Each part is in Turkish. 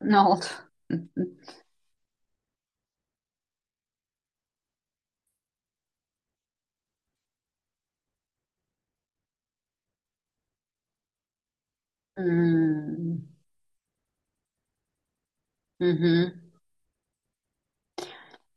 Ne oldu? Hmm. Hı hı.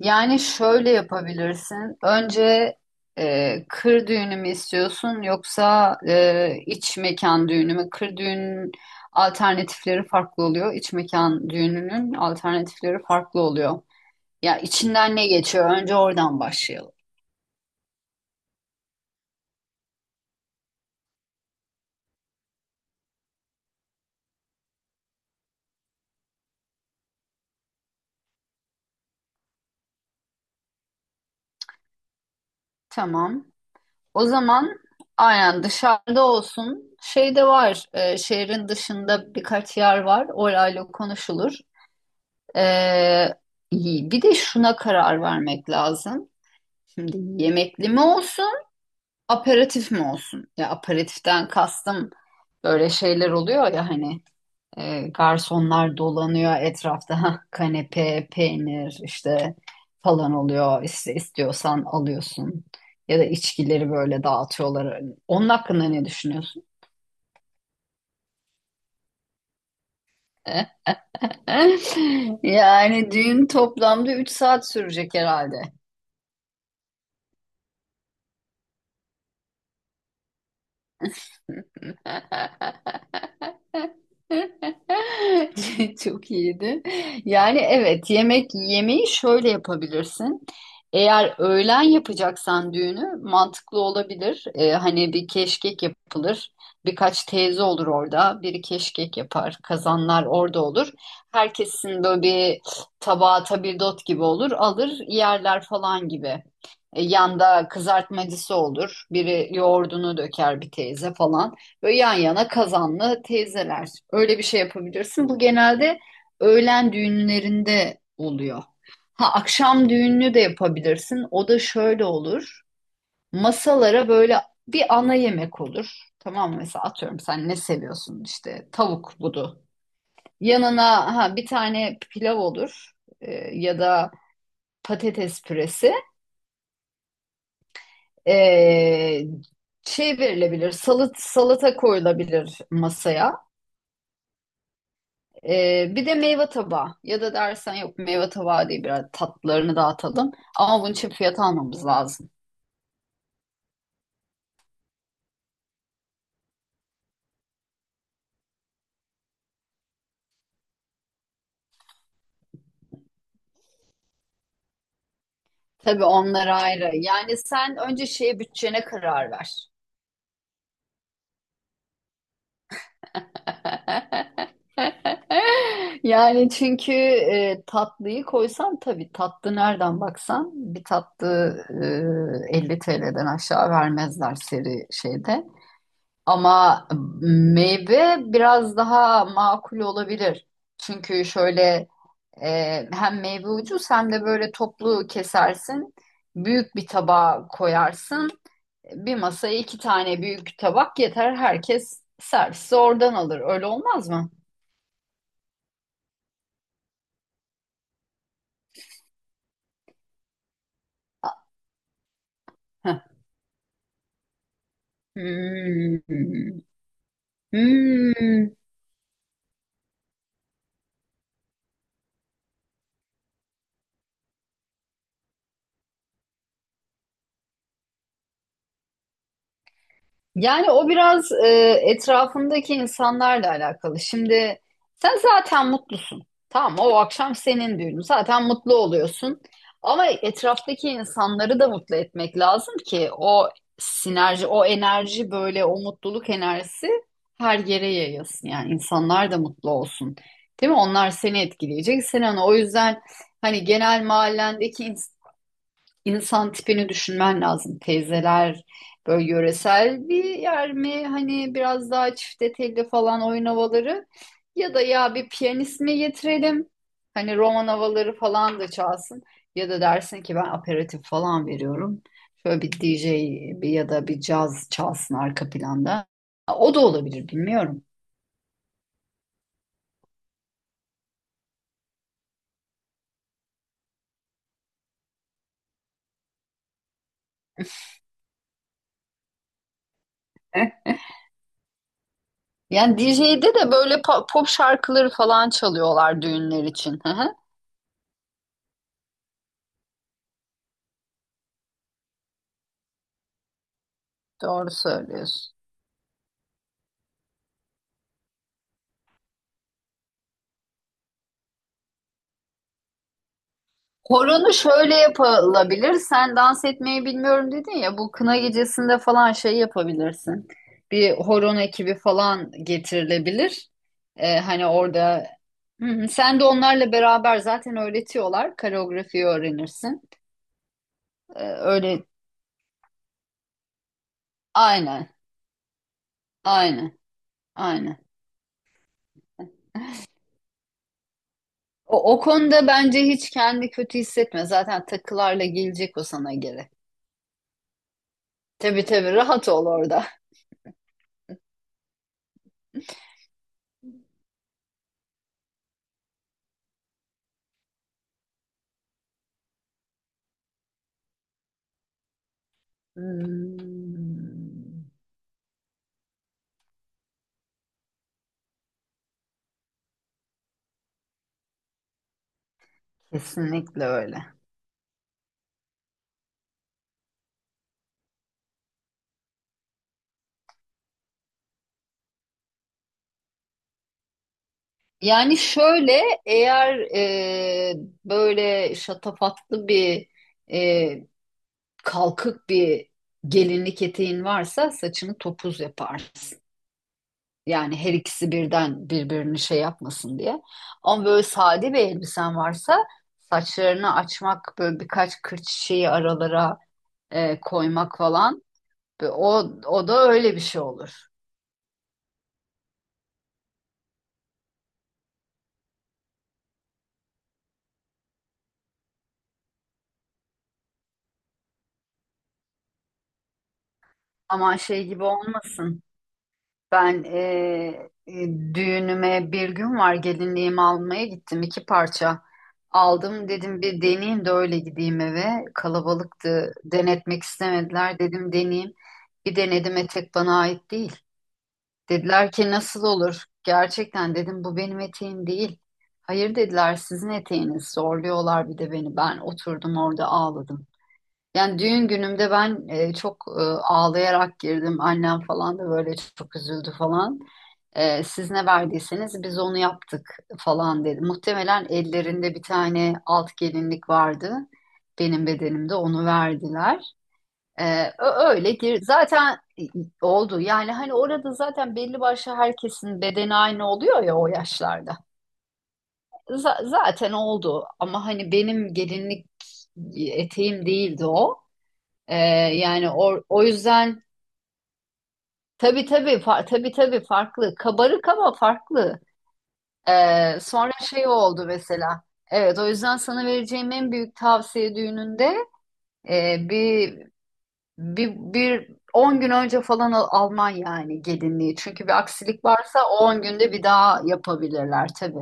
Yani şöyle yapabilirsin. Önce kır düğünü mü istiyorsun yoksa iç mekan düğünü mü? Kır düğünün alternatifleri farklı oluyor. İç mekan düğününün alternatifleri farklı oluyor. Ya içinden ne geçiyor? Önce oradan başlayalım. Tamam. O zaman aynen dışarıda olsun. Şey de var. Şehrin dışında birkaç yer var. Orayla konuşulur. Ee, bir de şuna karar vermek lazım. Şimdi yemekli mi olsun, aperatif mi olsun? Ya aperatiften kastım böyle şeyler oluyor ya hani garsonlar dolanıyor etrafta. Hah, kanepe, peynir işte falan oluyor. İşte istiyorsan alıyorsun. Ya da içkileri böyle dağıtıyorlar. Onun hakkında ne düşünüyorsun? Yani düğün toplamda 3 saat sürecek herhalde. Çok iyiydi. Yani evet yemek yemeği şöyle yapabilirsin. Eğer öğlen yapacaksan düğünü mantıklı olabilir. Hani bir keşkek yapılır. Birkaç teyze olur orada. Biri keşkek yapar. Kazanlar orada olur. Herkesin böyle bir tabağı tabildot gibi olur. Alır yerler falan gibi. Yanda kızartmacısı olur. Biri yoğurdunu döker bir teyze falan. Böyle yan yana kazanlı teyzeler. Öyle bir şey yapabilirsin. Bu genelde öğlen düğünlerinde oluyor. Ha akşam düğününü de yapabilirsin. O da şöyle olur. Masalara böyle bir ana yemek olur. Tamam mı? Mesela atıyorum sen ne seviyorsun? İşte tavuk budu. Yanına ha bir tane pilav olur. Ya da patates püresi. Ee, şey verilebilir. Salata koyulabilir masaya. Bir de meyve tabağı ya da dersen yok meyve tabağı değil biraz tatlılarını dağıtalım ama bunun için fiyat almamız lazım. Tabii onlar ayrı. Yani sen önce bütçene karar ver. Yani çünkü tatlıyı koysan tabii tatlı nereden baksan bir tatlı 50 TL'den aşağı vermezler seri şeyde. Ama meyve biraz daha makul olabilir. Çünkü şöyle. Hem meyve ucuz hem de böyle toplu kesersin. Büyük bir tabağa koyarsın. Bir masaya iki tane büyük tabak yeter. Herkes servisi oradan alır. Öyle olmaz mı? Heh. Hmm. Hmm. Yani o biraz etrafındaki insanlarla alakalı. Şimdi sen zaten mutlusun. Tamam mı? O akşam senin düğünün. Zaten mutlu oluyorsun. Ama etraftaki insanları da mutlu etmek lazım ki o sinerji, o enerji böyle o mutluluk enerjisi her yere yayılsın. Yani insanlar da mutlu olsun. Değil mi? Onlar seni etkileyecek. Sen onu o yüzden hani genel mahallendeki İnsan tipini düşünmen lazım. Teyzeler böyle yöresel bir yer mi? Hani biraz daha çifte telli falan oyun havaları. Ya da ya bir piyanist mi getirelim? Hani roman havaları falan da çalsın. Ya da dersin ki ben aperatif falan veriyorum. Şöyle bir DJ ya da bir caz çalsın arka planda. O da olabilir bilmiyorum. Heh. Yani DJ'de de böyle pop şarkıları falan çalıyorlar düğünler için. Hı hı. Doğru söylüyorsun. Horonu şöyle yapılabilir. Sen dans etmeyi bilmiyorum dedin ya. Bu kına gecesinde falan şey yapabilirsin. Bir horon ekibi falan getirilebilir. Hani orada. Hı hı. Sen de onlarla beraber zaten öğretiyorlar. Koreografiyi öğrenirsin. Öyle aynen. Aynen. Aynen. O konuda bence hiç kendi kötü hissetme. Zaten takılarla gelecek o sana geri. Tabii tabii rahat ol orada. Hmm, kesinlikle öyle. Yani şöyle eğer böyle şatafatlı bir e, kalkık bir gelinlik eteğin varsa saçını topuz yaparsın. Yani her ikisi birden birbirini şey yapmasın diye. Ama böyle sade bir elbisen varsa saçlarını açmak böyle birkaç kırç şeyi aralara koymak falan. Ve o da öyle bir şey olur. Ama şey gibi olmasın. Ben düğünüme bir gün var, gelinliğimi almaya gittim, iki parça aldım, dedim bir deneyeyim de öyle gideyim eve, kalabalıktı, denetmek istemediler, dedim deneyeyim, bir denedim, etek bana ait değil, dediler ki nasıl olur, gerçekten dedim bu benim eteğim değil, hayır dediler sizin eteğiniz, zorluyorlar bir de beni, ben oturdum orada ağladım. Yani düğün günümde ben çok ağlayarak girdim. Annem falan da böyle çok üzüldü falan. Siz ne verdiyseniz biz onu yaptık falan dedi. Muhtemelen ellerinde bir tane alt gelinlik vardı. Benim bedenimde onu verdiler. Öyle gir. Zaten oldu. Yani hani orada zaten belli başlı herkesin bedeni aynı oluyor ya o yaşlarda. Zaten oldu. Ama hani benim gelinlik eteğim değildi o. Ee, yani o yüzden tabii tabii tabii tabii farklı. Kabarık ama farklı. Sonra şey oldu mesela. Evet, o yüzden sana vereceğim en büyük tavsiye düğününde e, bir bir 10 gün önce falan alman yani gelinliği. Çünkü bir aksilik varsa o 10 günde bir daha yapabilirler tabii.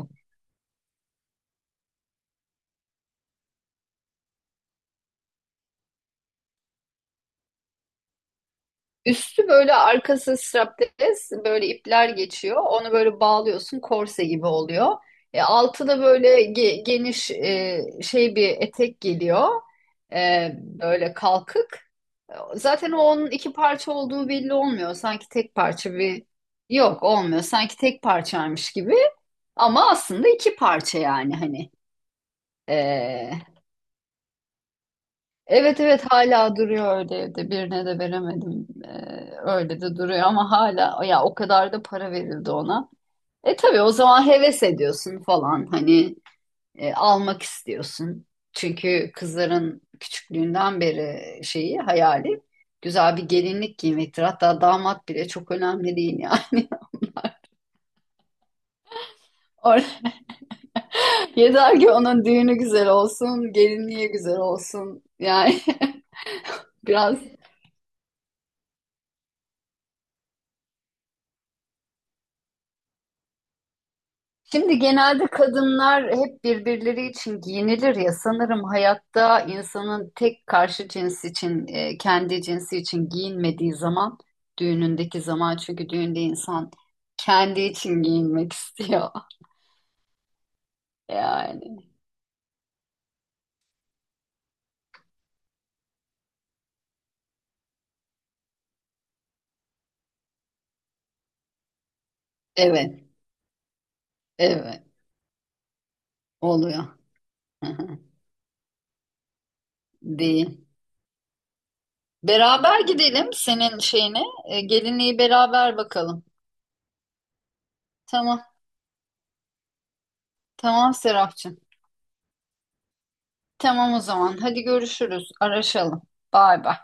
Üstü böyle arkası strapless böyle ipler geçiyor. Onu böyle bağlıyorsun korse gibi oluyor. Altı da böyle geniş şey bir etek geliyor. Böyle kalkık. Zaten o onun iki parça olduğu belli olmuyor. Sanki tek parça bir, yok olmuyor. Sanki tek parçaymış gibi. Ama aslında iki parça yani hani. E, Evet evet hala duruyor öyle evde. Birine de veremedim. Öyle de duruyor ama hala ya o kadar da para verildi ona. Tabii o zaman heves ediyorsun falan hani almak istiyorsun. Çünkü kızların küçüklüğünden beri hayali güzel bir gelinlik giymektir. Hatta damat bile çok önemli değil yani. Or- Yeter ki onun düğünü güzel olsun, gelinliği güzel olsun. Yani biraz. Şimdi genelde kadınlar hep birbirleri için giyinilir ya sanırım hayatta insanın tek karşı cins için kendi cinsi için giyinmediği zaman düğünündeki zaman çünkü düğünde insan kendi için giyinmek istiyor yani. Evet, evet oluyor. Değil. Beraber gidelim senin şeyine gelinliği beraber bakalım. Tamam, tamam Serapcığım. Tamam o zaman hadi görüşürüz araşalım. Bay bay.